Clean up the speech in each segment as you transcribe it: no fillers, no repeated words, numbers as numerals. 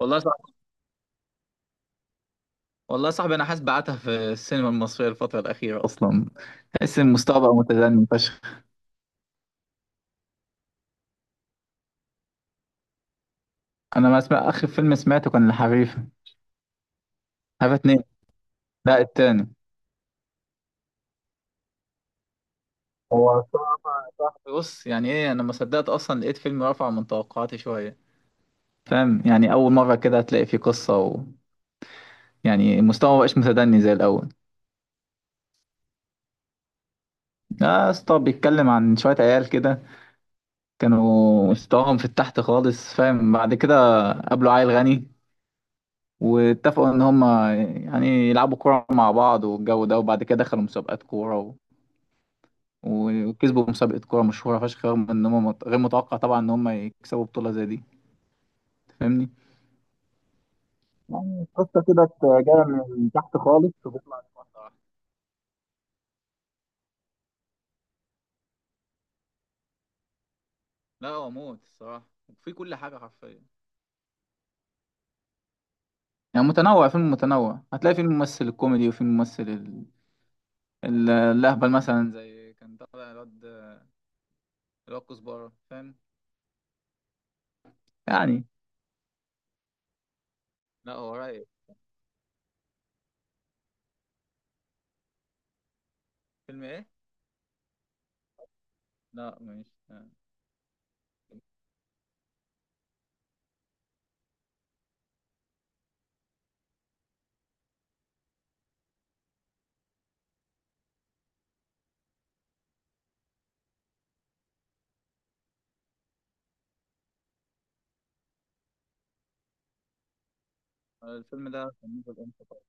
والله صح. والله صاحبي، انا حاسس بعتها في السينما المصريه الفتره الاخيره اصلا. تحس ان المستوى متدني فشخ. انا ما اسمع، اخر فيلم سمعته كان الحريفه. حريفه اتنين، لا التاني. هو صعب. بص، يعني ايه، انا ما صدقت اصلا لقيت فيلم رفع من توقعاتي شويه. فاهم؟ يعني اول مره كده هتلاقي فيه قصه يعني المستوى ما بقاش متدني زي الاول. لا يا اسطى، بيتكلم عن شويه عيال كده كانوا مستواهم في التحت خالص، فاهم؟ بعد كده قابلوا عيل غني، واتفقوا ان هم يعني يلعبوا كوره مع بعض والجو ده، وبعد كده دخلوا مسابقات كوره وكسبوا مسابقه كوره مشهوره فشخ، رغم ان هم غير متوقع طبعا ان هم يكسبوا بطوله زي دي. فاهمني؟ يعني قصة كده جاية من تحت خالص وبيطلع لفوق. لا هو موت الصراحة، وفي كل حاجة حرفيا. يعني متنوع، فيلم متنوع، هتلاقي فيه الممثل الكوميدي وفيه الممثل الأهبل مثلا، زي كان طالع الواد، الواد كزبرة، فاهم؟ يعني لا هو رايق. فيلم ايه؟ لا ماشي. الفيلم ده كان نزل امتى طيب؟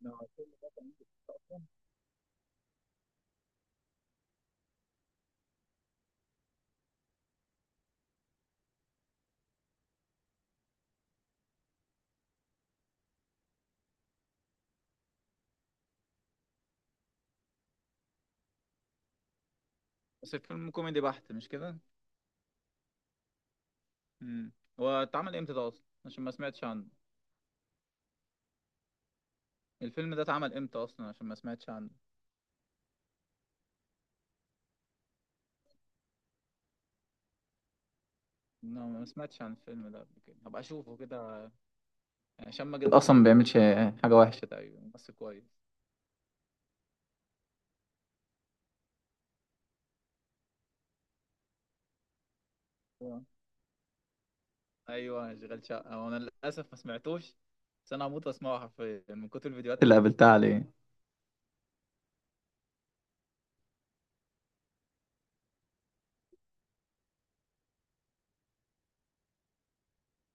لا، هو الفيلم ده كان نزل امتى؟ بس الفيلم كوميدي بحت مش كده؟ امم. هو اتعمل امتى ده اصلا؟ عشان ما سمعتش عنه. الفيلم ده اتعمل امتى اصلا؟ عشان ما سمعتش عنه. لا ما سمعتش عن الفيلم ده قبل كده، هبقى اشوفه كده، عشان ما جد اصلا ما بيعملش حاجة وحشة تقريبا، ممثل كويس. أيوة. ايوه شغال شقة، وانا للاسف ما سمعتوش، بس انا هموت واسمعه حرفيا من كتر الفيديوهات اللي قابلتها عليه.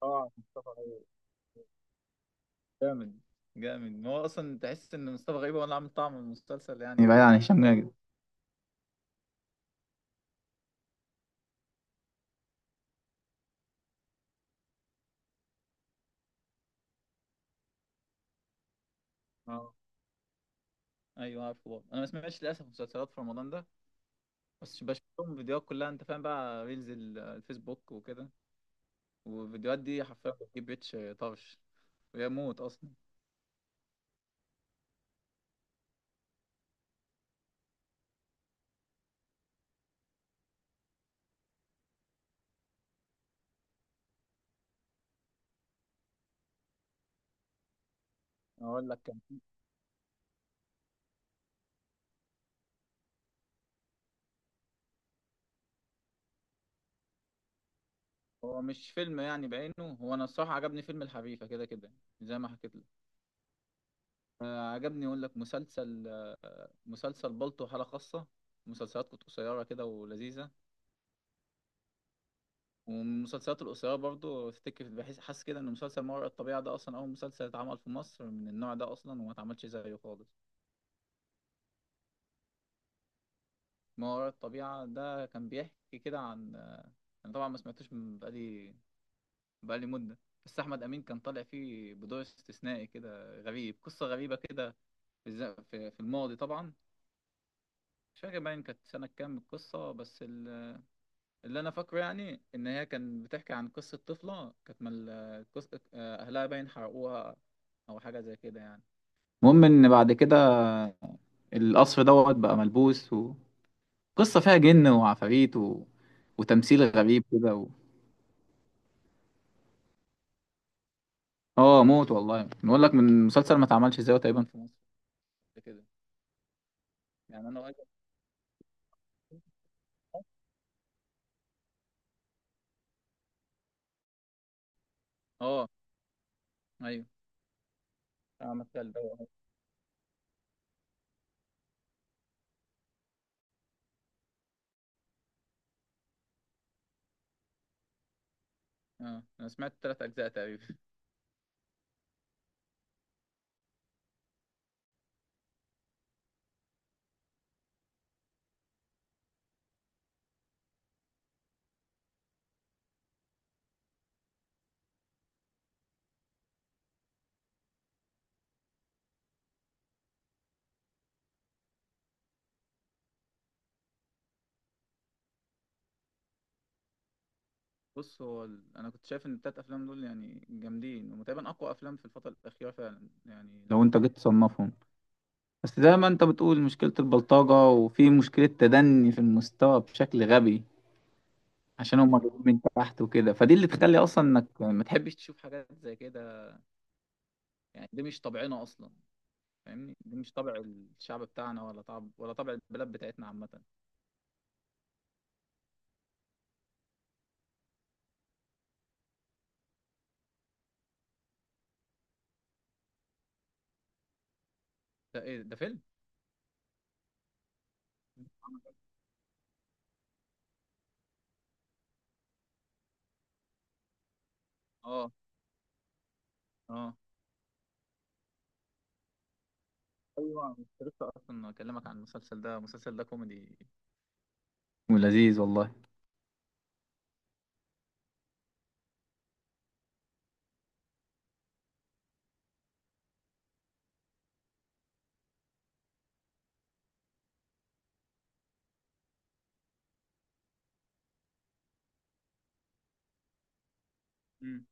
اه مصطفى غريب جامد. جامد، ما هو اصلا تحس ان مصطفى غريب هو اللي عامل طعم المسلسل، يعني بعيد وكده عن هشام ماجد. اه. ايوه عارفه برضه، انا ما سمعتش للاسف مسلسلات في رمضان ده، بس بشوف لهم فيديوهات كلها، انت فاهم بقى، ريلز الفيسبوك وكده، والفيديوهات دي حرفيا بتجيب ريتش طرش، ويموت اصلا. اقول لك كان، هو مش فيلم يعني بعينه، هو انا الصراحه عجبني فيلم الحريفه كده كده زي ما حكيت لك. عجبني اقول لك مسلسل، مسلسل بالطو، حاله خاصه، مسلسلات كانت قصيره كده ولذيذه. ومن المسلسلات القصيرة برضو، افتكر بحس، حاسس كده ان مسلسل ما وراء الطبيعة ده اصلا اول مسلسل اتعمل في مصر من النوع ده اصلا، وما اتعملش زيه خالص. ما وراء الطبيعة ده كان بيحكي كده عن، انا طبعا ما سمعتوش من بقالي، بقالي مدة، بس احمد امين كان طالع فيه بدور استثنائي كده غريب، قصة غريبة كده في الز- في الماضي طبعا، مش فاكر باين كانت سنة كام القصة، بس اللي أنا فاكره يعني إن هي كانت بتحكي عن قصة طفلة كانت مال أهلها باين حرقوها، أو حاجة زي كده يعني. المهم ان بعد كده القصر دوت بقى ملبوس، وقصة فيها جن وعفاريت وتمثيل غريب كده اه موت والله، بنقول لك من مسلسل ما اتعملش ازاي تقريبا في مصر قبل كده. يعني انا واجد. اه. ايوه، عمل ده. اه انا سمعت ثلاث اجزاء تقريبا. بص، هو انا كنت شايف ان الثلاث افلام دول يعني جامدين، وتقريبا اقوى افلام في الفترة الأخيرة فعلا، يعني لو انت جيت تصنفهم. بس زي ما انت بتقول، مشكلة البلطجة، وفي مشكلة تدني في المستوى بشكل غبي، عشان هم جايين من تحت وكده، فدي اللي تخلي اصلا انك ما تحبش تشوف حاجات زي كده. يعني دي مش طبعنا اصلا، فاهمني؟ دي مش طبع الشعب بتاعنا، ولا طبع، ولا طبع البلاد بتاعتنا عامه ده. ايه ده فيلم؟ اه. اه ايوه، كنت لسه اصلا اكلمك عن المسلسل ده، المسلسل ده كوميدي ولذيذ والله. امم.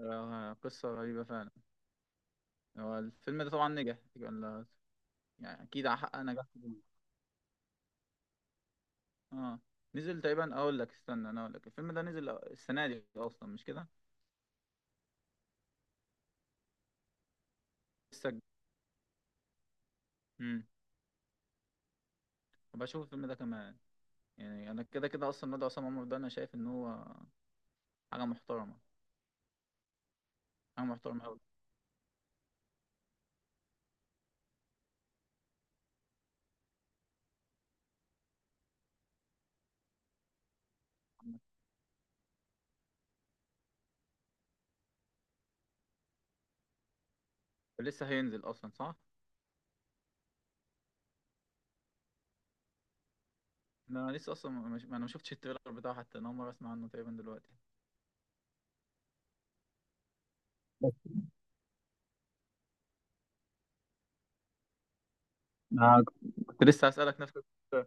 قصه غريبه فعلا. هو الفيلم ده طبعا نجح، ولا يعني اكيد حقق نجاح كبير. اه نزل تقريبا، اقول لك، استنى انا اقول لك، الفيلم ده نزل السنه دي اصلا مش كده؟ لسه بشوف الفيلم ده كمان. يعني انا كده كده اصلا ندى عصام عمر ده انا شايف ان هو حاجه محترمه، حاجه محترمه قوي. لسه هينزل اصلا صح. انا لسه اصلا مش... انا ما شفتش التريلر بتاعه حتى، انا اول مره اسمع عنه تقريبا دلوقتي. بس أنا كنت لسه هسألك نفس السؤال.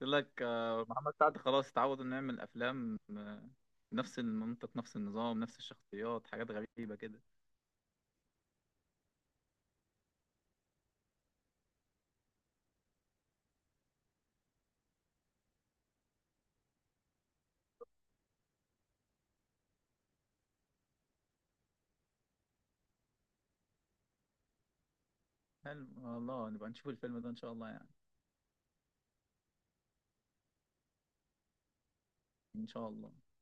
قلت لك محمد سعد خلاص اتعود انه يعمل افلام، نفس المنطق، نفس النظام، نفس الشخصيات، حاجات غريبة كده. حلو والله، نبقى نشوف الفيلم ده ان شاء الله يعني. ان شاء الله.